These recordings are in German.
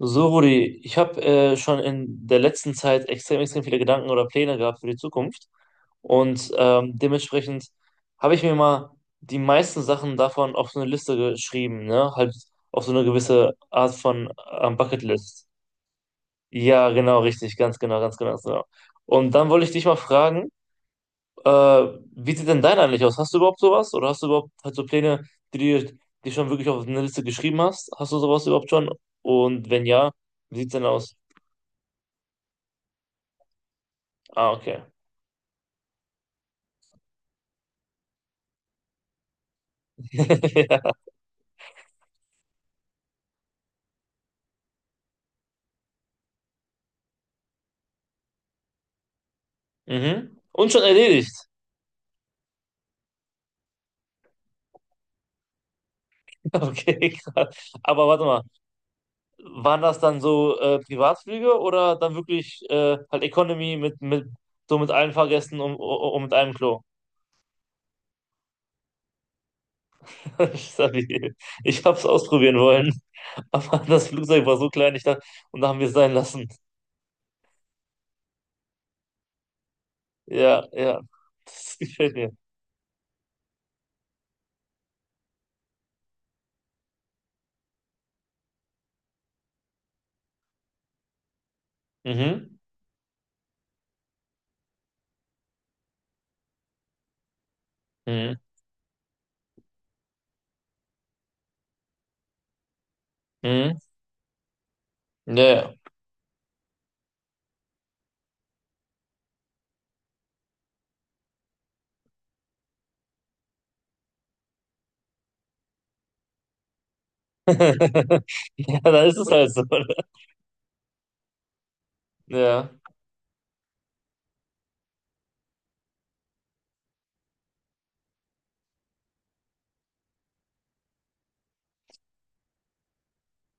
So, Rudi, ich habe schon in der letzten Zeit extrem, extrem viele Gedanken oder Pläne gehabt für die Zukunft. Und dementsprechend habe ich mir mal die meisten Sachen davon auf so eine Liste geschrieben, ne? Halt auf so eine gewisse Art von Bucketlist. Ja, genau, richtig, ganz genau, ganz genau, ganz genau. Und dann wollte ich dich mal fragen, äh, wie sieht denn dein eigentlich aus? Hast du überhaupt sowas? Oder hast du überhaupt halt so Pläne, die du dir schon wirklich auf eine Liste geschrieben hast? Hast du sowas überhaupt schon? Und wenn ja, wie sieht's denn aus? Ah, okay. Ja. Mhm. Und schon erledigt. Okay, krass. Aber warte mal, waren das dann so Privatflüge oder dann wirklich halt Economy mit so mit allen Fahrgästen und mit einem Klo? Stabil. Ich hab's ausprobieren wollen, aber das Flugzeug war so klein, ich dachte, und da haben wir es sein lassen. Ja, ja, das gefällt mir. Mhm. Mhm. Mhm. Ja, ja. Ja, dann ist es halt so, ne? Ja.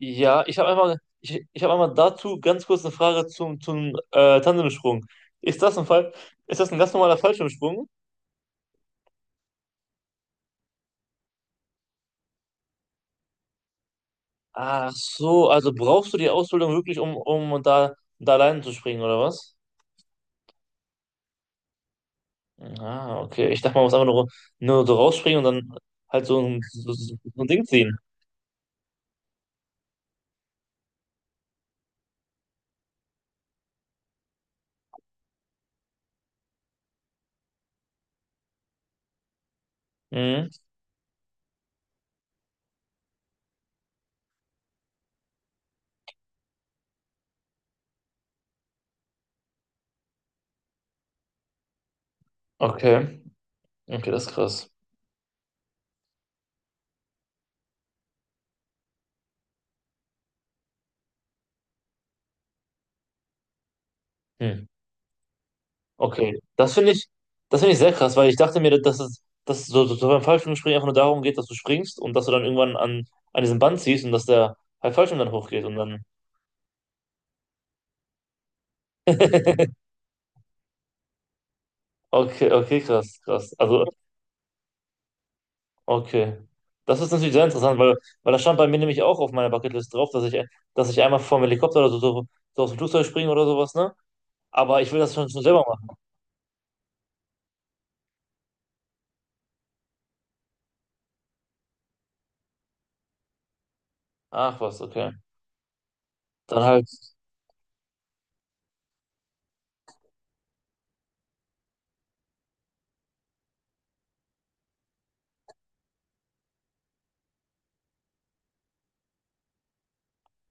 Ja, ich habe einmal, ich habe einmal dazu ganz kurz eine Frage zum, zum Tandemsprung. Ist das ein Fall, Ist das ein ganz normaler Fallschirmsprung? Ach so, also brauchst du die Ausbildung wirklich, um da allein zu springen, oder was? Ah, okay. Ich dachte, man muss einfach nur so rausspringen und dann halt so ein Ding ziehen. Mhm. Okay. Okay, das ist krass. Hm. Okay, das finde ich sehr krass, weil ich dachte mir, dass es so beim Fallschirmspringen einfach nur darum geht, dass du springst und dass du dann irgendwann an diesem Band ziehst und dass der halt Fallschirm dann hochgeht und dann. Okay, okay, krass, krass. Also, okay. Das ist natürlich sehr interessant, weil, weil das stand bei mir nämlich auch auf meiner Bucketlist drauf, dass ich einmal vom Helikopter oder so aus dem Flugzeug springe oder sowas, ne? Aber ich will das schon selber machen. Ach was, okay. Dann halt.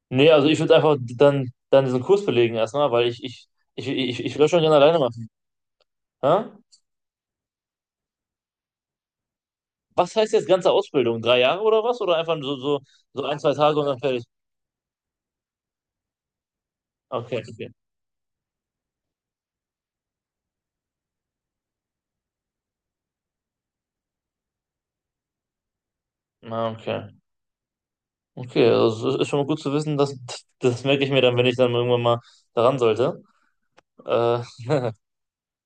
Nee, also ich würde einfach dann diesen Kurs belegen erstmal, weil ich will das schon gerne alleine machen. Hä? Was heißt jetzt ganze Ausbildung? 3 Jahre oder was? Oder einfach so ein, 2 Tage und dann fertig? Okay, okay. Ah, okay. Okay, also es ist schon mal gut zu wissen, dass das merke ich mir dann, wenn ich dann irgendwann mal daran sollte. Äh,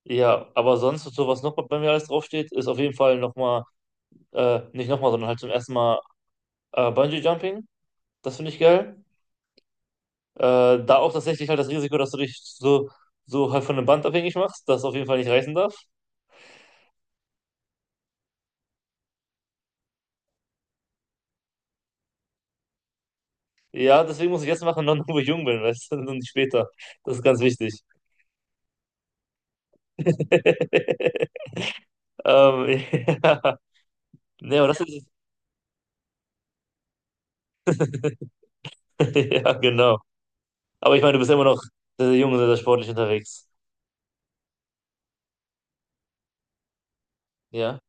ja, aber sonst, so was noch bei mir alles draufsteht, ist auf jeden Fall nochmal, nicht nochmal, sondern halt zum ersten Mal Bungee Jumping. Das finde ich geil. Da auch tatsächlich halt das Risiko, dass du dich so halt von einem Band abhängig machst, das auf jeden Fall nicht reißen darf. Ja, deswegen muss ich jetzt machen, noch wo ich jung bin, weißt du, und nicht später. Das ist ganz wichtig. Ähm, ja. Nee, aber das ist. Ja, genau. Aber ich meine, du bist immer noch sehr, sehr jung und sehr, sehr sportlich unterwegs. Ja.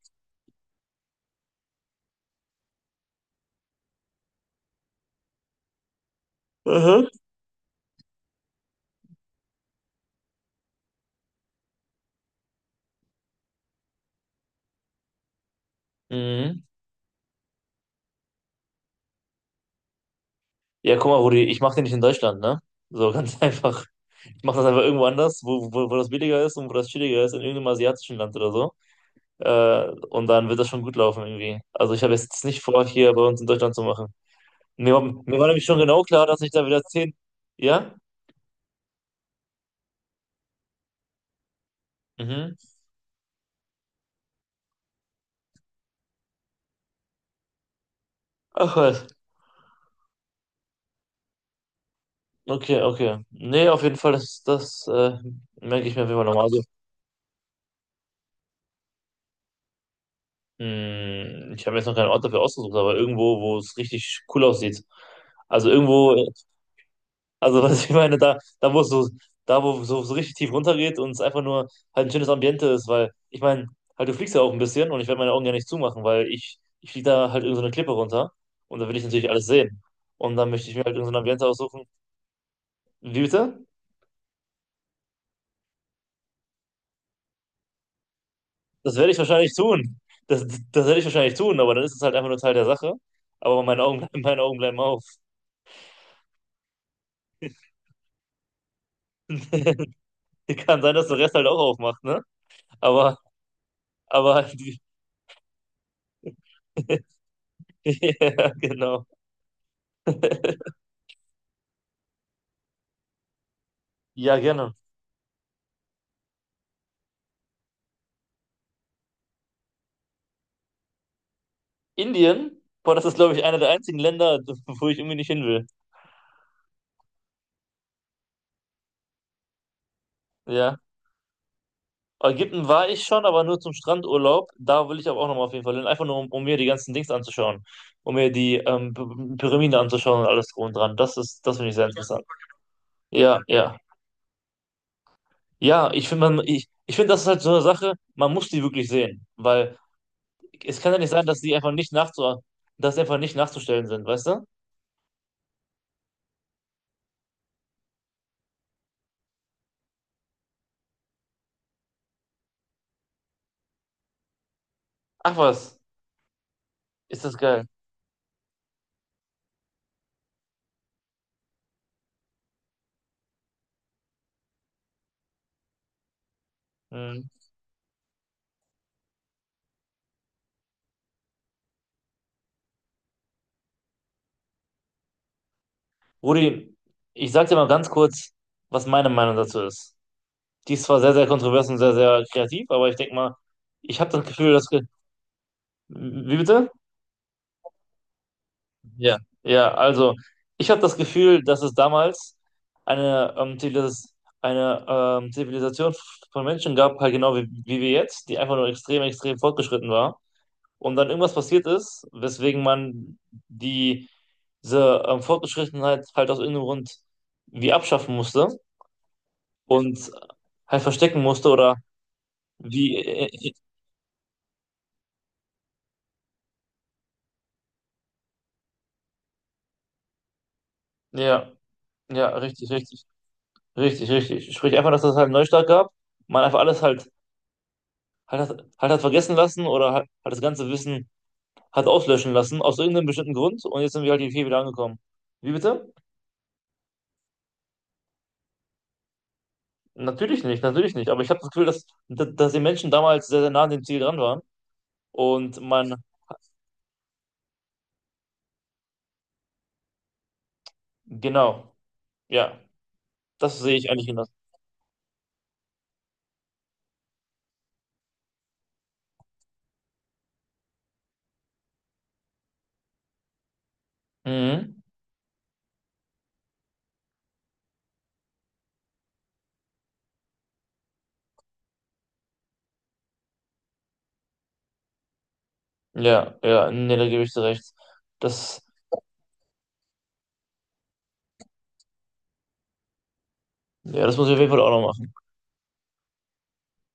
Mhm. Mhm. Ja, guck mal, Rudi, ich mache den nicht in Deutschland, ne? So ganz einfach. Ich mache das einfach irgendwo anders, wo das billiger ist und wo das chilliger ist, in irgendeinem asiatischen Land oder so. Und dann wird das schon gut laufen irgendwie. Also ich habe jetzt nicht vor, hier bei uns in Deutschland zu machen. Mir war nämlich schon genau klar, dass ich da wieder 10, Ja? Mhm. Ach was. Okay, okay. Nee, auf jeden Fall, das merke ich mir auf jeden Fall nochmal. Also, ich habe jetzt noch keinen Ort dafür ausgesucht, aber irgendwo, wo es richtig cool aussieht. Also irgendwo, also was ich meine, da wo es so richtig tief runtergeht und es einfach nur halt ein schönes Ambiente ist, weil ich meine, halt du fliegst ja auch ein bisschen und ich werde meine Augen ja nicht zumachen, weil ich fliege da halt irgend so eine Klippe runter und da will ich natürlich alles sehen. Und dann möchte ich mir halt irgendein so ein Ambiente aussuchen. Wie bitte? Das werde ich wahrscheinlich tun. Das, das werde ich wahrscheinlich tun, aber dann ist es halt einfach nur Teil der Sache. Aber meine Augen bleiben auf. Kann sein, dass der Rest halt auch aufmacht, ne? Aber, aber, die, ja, genau. Ja, gerne. Indien, boah, das ist, glaube ich, einer der einzigen Länder, wo ich irgendwie nicht hin will. Ja. Ägypten war ich schon, aber nur zum Strandurlaub. Da will ich aber auch nochmal auf jeden Fall hin. Einfach nur, um mir die ganzen Dings anzuschauen. Um mir die Pyramide anzuschauen und alles drum und dran. Das finde ich sehr interessant. Ja, ja. Ja, ich ich finde, das ist halt so eine Sache, man muss die wirklich sehen, weil es kann ja nicht sein, dass die einfach nicht nachzustellen sind, weißt du? Ach was, ist das geil. Mhm. Rudi, ich sag dir mal ganz kurz, was meine Meinung dazu ist. Die ist zwar sehr, sehr kontrovers und sehr, sehr kreativ, aber ich denke mal, ich habe das Gefühl. Wie bitte? Ja, ja, also ich habe das Gefühl, dass es damals eine, ähm, Zivilis eine Zivilisation von Menschen gab, halt genau wie wir jetzt, die einfach nur extrem, extrem fortgeschritten war. Und dann irgendwas passiert ist, weswegen man die, diese Fortgeschrittenheit halt aus irgendeinem Grund wie abschaffen musste und halt verstecken musste oder wie. Ja, ja, richtig, richtig, richtig, richtig. Sprich einfach, dass es halt einen Neustart gab, man einfach alles halt hat das, hat das vergessen lassen oder hat das ganze Wissen hat auslöschen lassen, aus irgendeinem bestimmten Grund und jetzt sind wir halt hier wieder angekommen. Wie bitte? Natürlich nicht, natürlich nicht. Aber ich habe das Gefühl, dass die Menschen damals sehr, sehr nah an dem Ziel dran waren. Und man, genau, ja, das sehe ich eigentlich genauso. Mhm. Ja, ja, nee, da gebe ich dir recht. Das, ja, das muss ich auf jeden Fall auch noch machen.